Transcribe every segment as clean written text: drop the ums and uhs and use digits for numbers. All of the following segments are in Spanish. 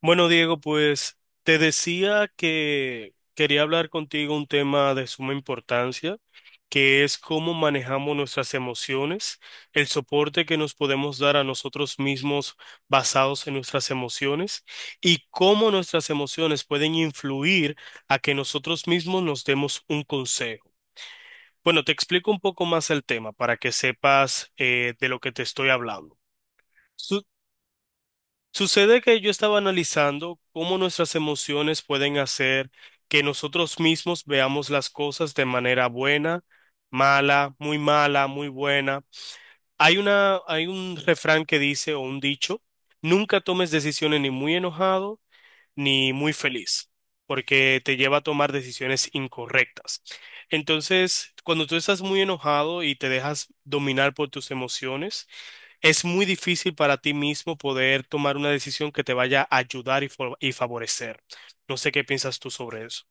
Bueno, Diego, pues te decía que quería hablar contigo un tema de suma importancia, que es cómo manejamos nuestras emociones, el soporte que nos podemos dar a nosotros mismos basados en nuestras emociones y cómo nuestras emociones pueden influir a que nosotros mismos nos demos un consejo. Bueno, te explico un poco más el tema para que sepas de lo que te estoy hablando. Su- Sucede que yo estaba analizando cómo nuestras emociones pueden hacer que nosotros mismos veamos las cosas de manera buena, mala, muy buena. Hay un refrán que dice o un dicho, nunca tomes decisiones ni muy enojado ni muy feliz, porque te lleva a tomar decisiones incorrectas. Entonces, cuando tú estás muy enojado y te dejas dominar por tus emociones, es muy difícil para ti mismo poder tomar una decisión que te vaya a ayudar y favorecer. No sé qué piensas tú sobre eso.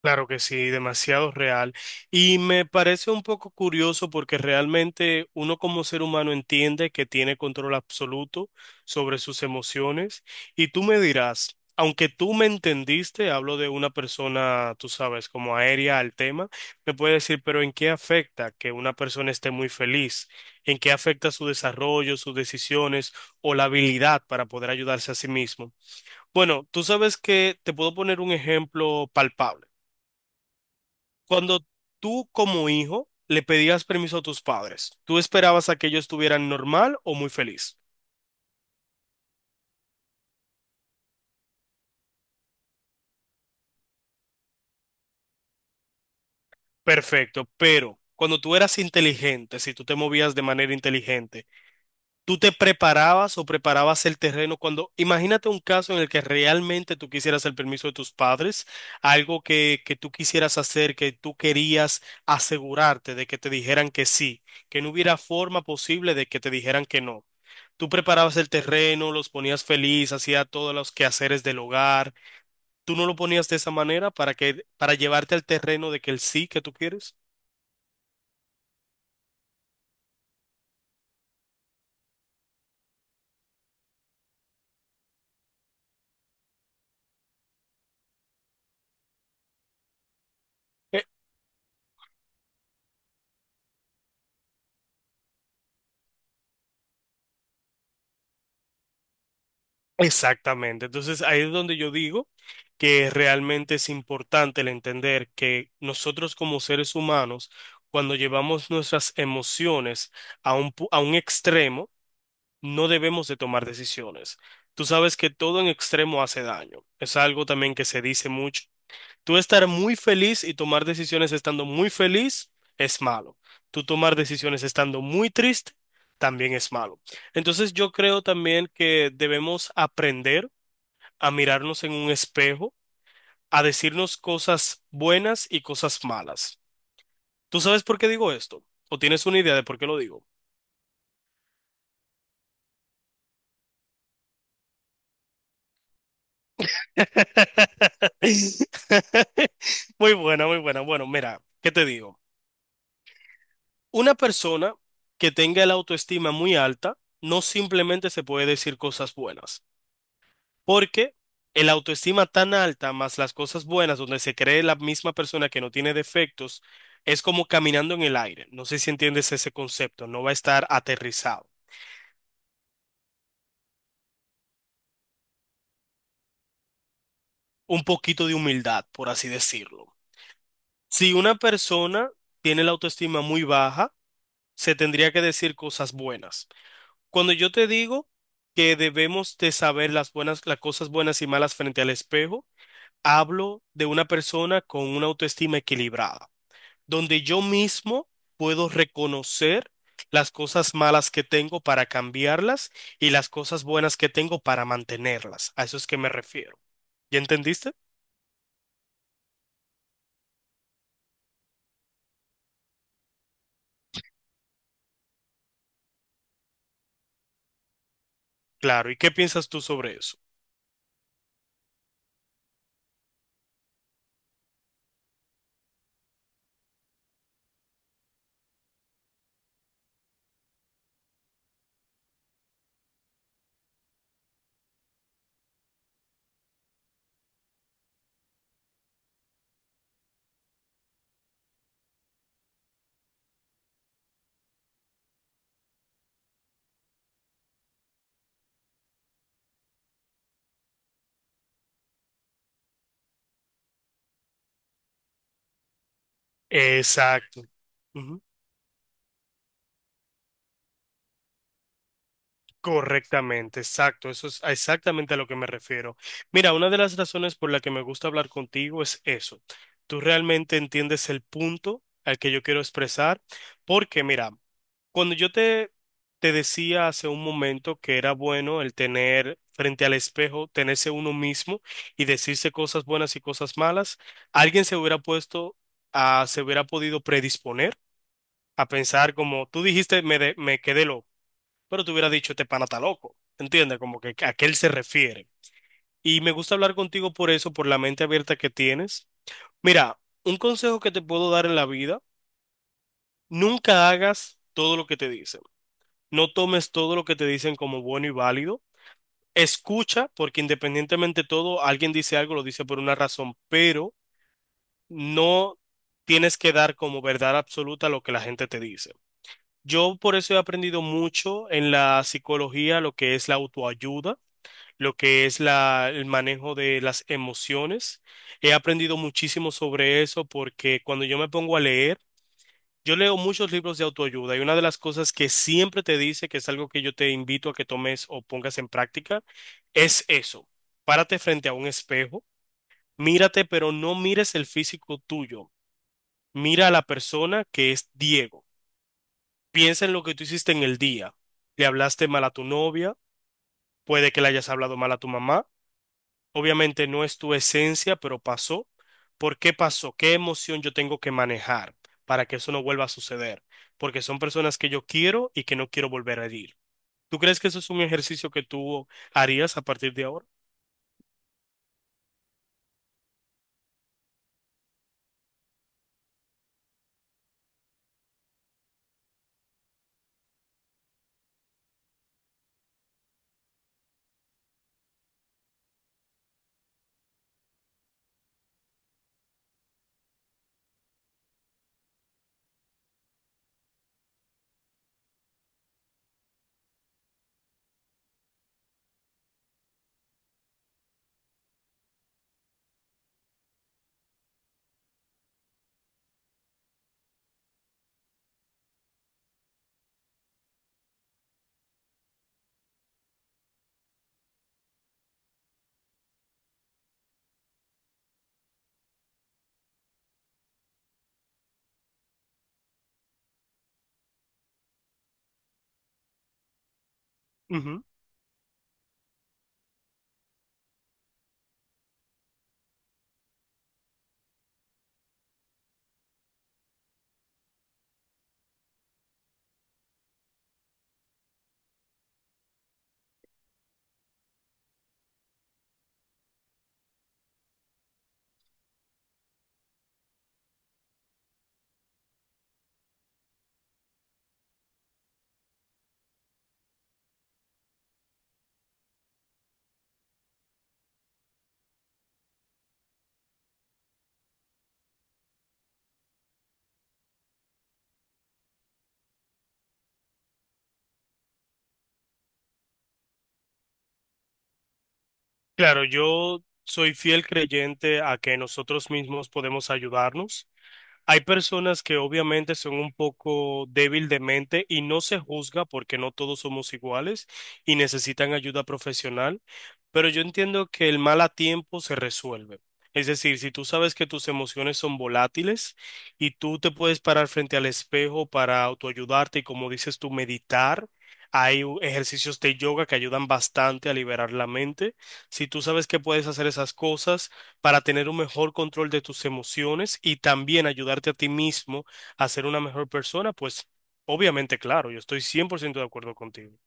Claro que sí, demasiado real. Y me parece un poco curioso porque realmente uno como ser humano entiende que tiene control absoluto sobre sus emociones. Y tú me dirás, aunque tú me entendiste, hablo de una persona, tú sabes, como aérea al tema, me puede decir, pero ¿en qué afecta que una persona esté muy feliz? ¿En qué afecta su desarrollo, sus decisiones o la habilidad para poder ayudarse a sí mismo? Bueno, tú sabes que te puedo poner un ejemplo palpable. Cuando tú como hijo le pedías permiso a tus padres, ¿tú esperabas a que ellos estuvieran normal o muy feliz? Perfecto, pero cuando tú eras inteligente, si tú te movías de manera inteligente, ¿tú te preparabas o preparabas el terreno cuando, imagínate un caso en el que realmente tú quisieras el permiso de tus padres, algo que tú quisieras hacer, que tú querías asegurarte de que te dijeran que sí, que no hubiera forma posible de que te dijeran que no? Tú preparabas el terreno, los ponías feliz, hacía todos los quehaceres del hogar. ¿Tú no lo ponías de esa manera para para llevarte al terreno de que el sí que tú quieres? Exactamente. Entonces, ahí es donde yo digo que realmente es importante el entender que nosotros como seres humanos, cuando llevamos nuestras emociones a a un extremo, no debemos de tomar decisiones. Tú sabes que todo en extremo hace daño. Es algo también que se dice mucho. Tú estar muy feliz y tomar decisiones estando muy feliz es malo. Tú tomar decisiones estando muy triste también es malo. Entonces, yo creo también que debemos aprender a mirarnos en un espejo, a decirnos cosas buenas y cosas malas. ¿Tú sabes por qué digo esto? ¿O tienes una idea de por qué lo digo? Muy buena, muy buena. Bueno, mira, ¿qué te digo? Una persona que tenga la autoestima muy alta no simplemente se puede decir cosas buenas. Porque el autoestima tan alta, más las cosas buenas, donde se cree la misma persona que no tiene defectos, es como caminando en el aire. No sé si entiendes ese concepto, no va a estar aterrizado. Un poquito de humildad, por así decirlo. Si una persona tiene la autoestima muy baja, se tendría que decir cosas buenas. Cuando yo te digo que debemos de saber las buenas, las cosas buenas y malas frente al espejo, hablo de una persona con una autoestima equilibrada, donde yo mismo puedo reconocer las cosas malas que tengo para cambiarlas y las cosas buenas que tengo para mantenerlas. A eso es que me refiero. ¿Ya entendiste? Claro. ¿Y qué piensas tú sobre eso? Exacto. Ujú. Correctamente, exacto. Eso es exactamente a lo que me refiero. Mira, una de las razones por la que me gusta hablar contigo es eso. Tú realmente entiendes el punto al que yo quiero expresar, porque mira, Cuando yo te, te decía hace un momento que era bueno el tener frente al espejo, tenerse uno mismo y decirse cosas buenas y cosas malas, alguien se hubiera puesto a, se hubiera podido predisponer a pensar como tú dijiste, me quedé loco, pero te hubiera dicho, este pana está loco, ¿entiendes? Como que a qué él se refiere. Y me gusta hablar contigo por eso, por la mente abierta que tienes. Mira, un consejo que te puedo dar en la vida, nunca hagas todo lo que te dicen. No tomes todo lo que te dicen como bueno y válido. Escucha, porque independientemente de todo, alguien dice algo, lo dice por una razón, pero no tienes que dar como verdad absoluta lo que la gente te dice. Yo por eso he aprendido mucho en la psicología lo que es la autoayuda, lo que es el manejo de las emociones. He aprendido muchísimo sobre eso porque cuando yo me pongo a leer, yo leo muchos libros de autoayuda y una de las cosas que siempre te dice, que es algo que yo te invito a que tomes o pongas en práctica, es eso. Párate frente a un espejo, mírate, pero no mires el físico tuyo. Mira a la persona que es Diego. Piensa en lo que tú hiciste en el día. Le hablaste mal a tu novia, puede que le hayas hablado mal a tu mamá. Obviamente no es tu esencia, pero pasó. ¿Por qué pasó? ¿Qué emoción yo tengo que manejar para que eso no vuelva a suceder? Porque son personas que yo quiero y que no quiero volver a herir. ¿Tú crees que eso es un ejercicio que tú harías a partir de ahora? Ujú. Claro, yo soy fiel creyente a que nosotros mismos podemos ayudarnos. Hay personas que obviamente son un poco débil de mente y no se juzga porque no todos somos iguales y necesitan ayuda profesional, pero yo entiendo que el mal a tiempo se resuelve. Es decir, si tú sabes que tus emociones son volátiles y tú te puedes parar frente al espejo para autoayudarte y como dices tú, meditar, hay ejercicios de yoga que ayudan bastante a liberar la mente. Si tú sabes que puedes hacer esas cosas, para tener un mejor control de tus emociones y también ayudarte a ti mismo a ser una mejor persona, pues obviamente, claro, yo estoy 100% de acuerdo contigo.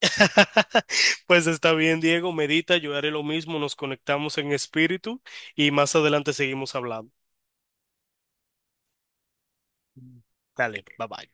Pues está bien, Diego, medita, yo haré lo mismo, nos conectamos en espíritu y más adelante seguimos hablando. Dale, bye bye.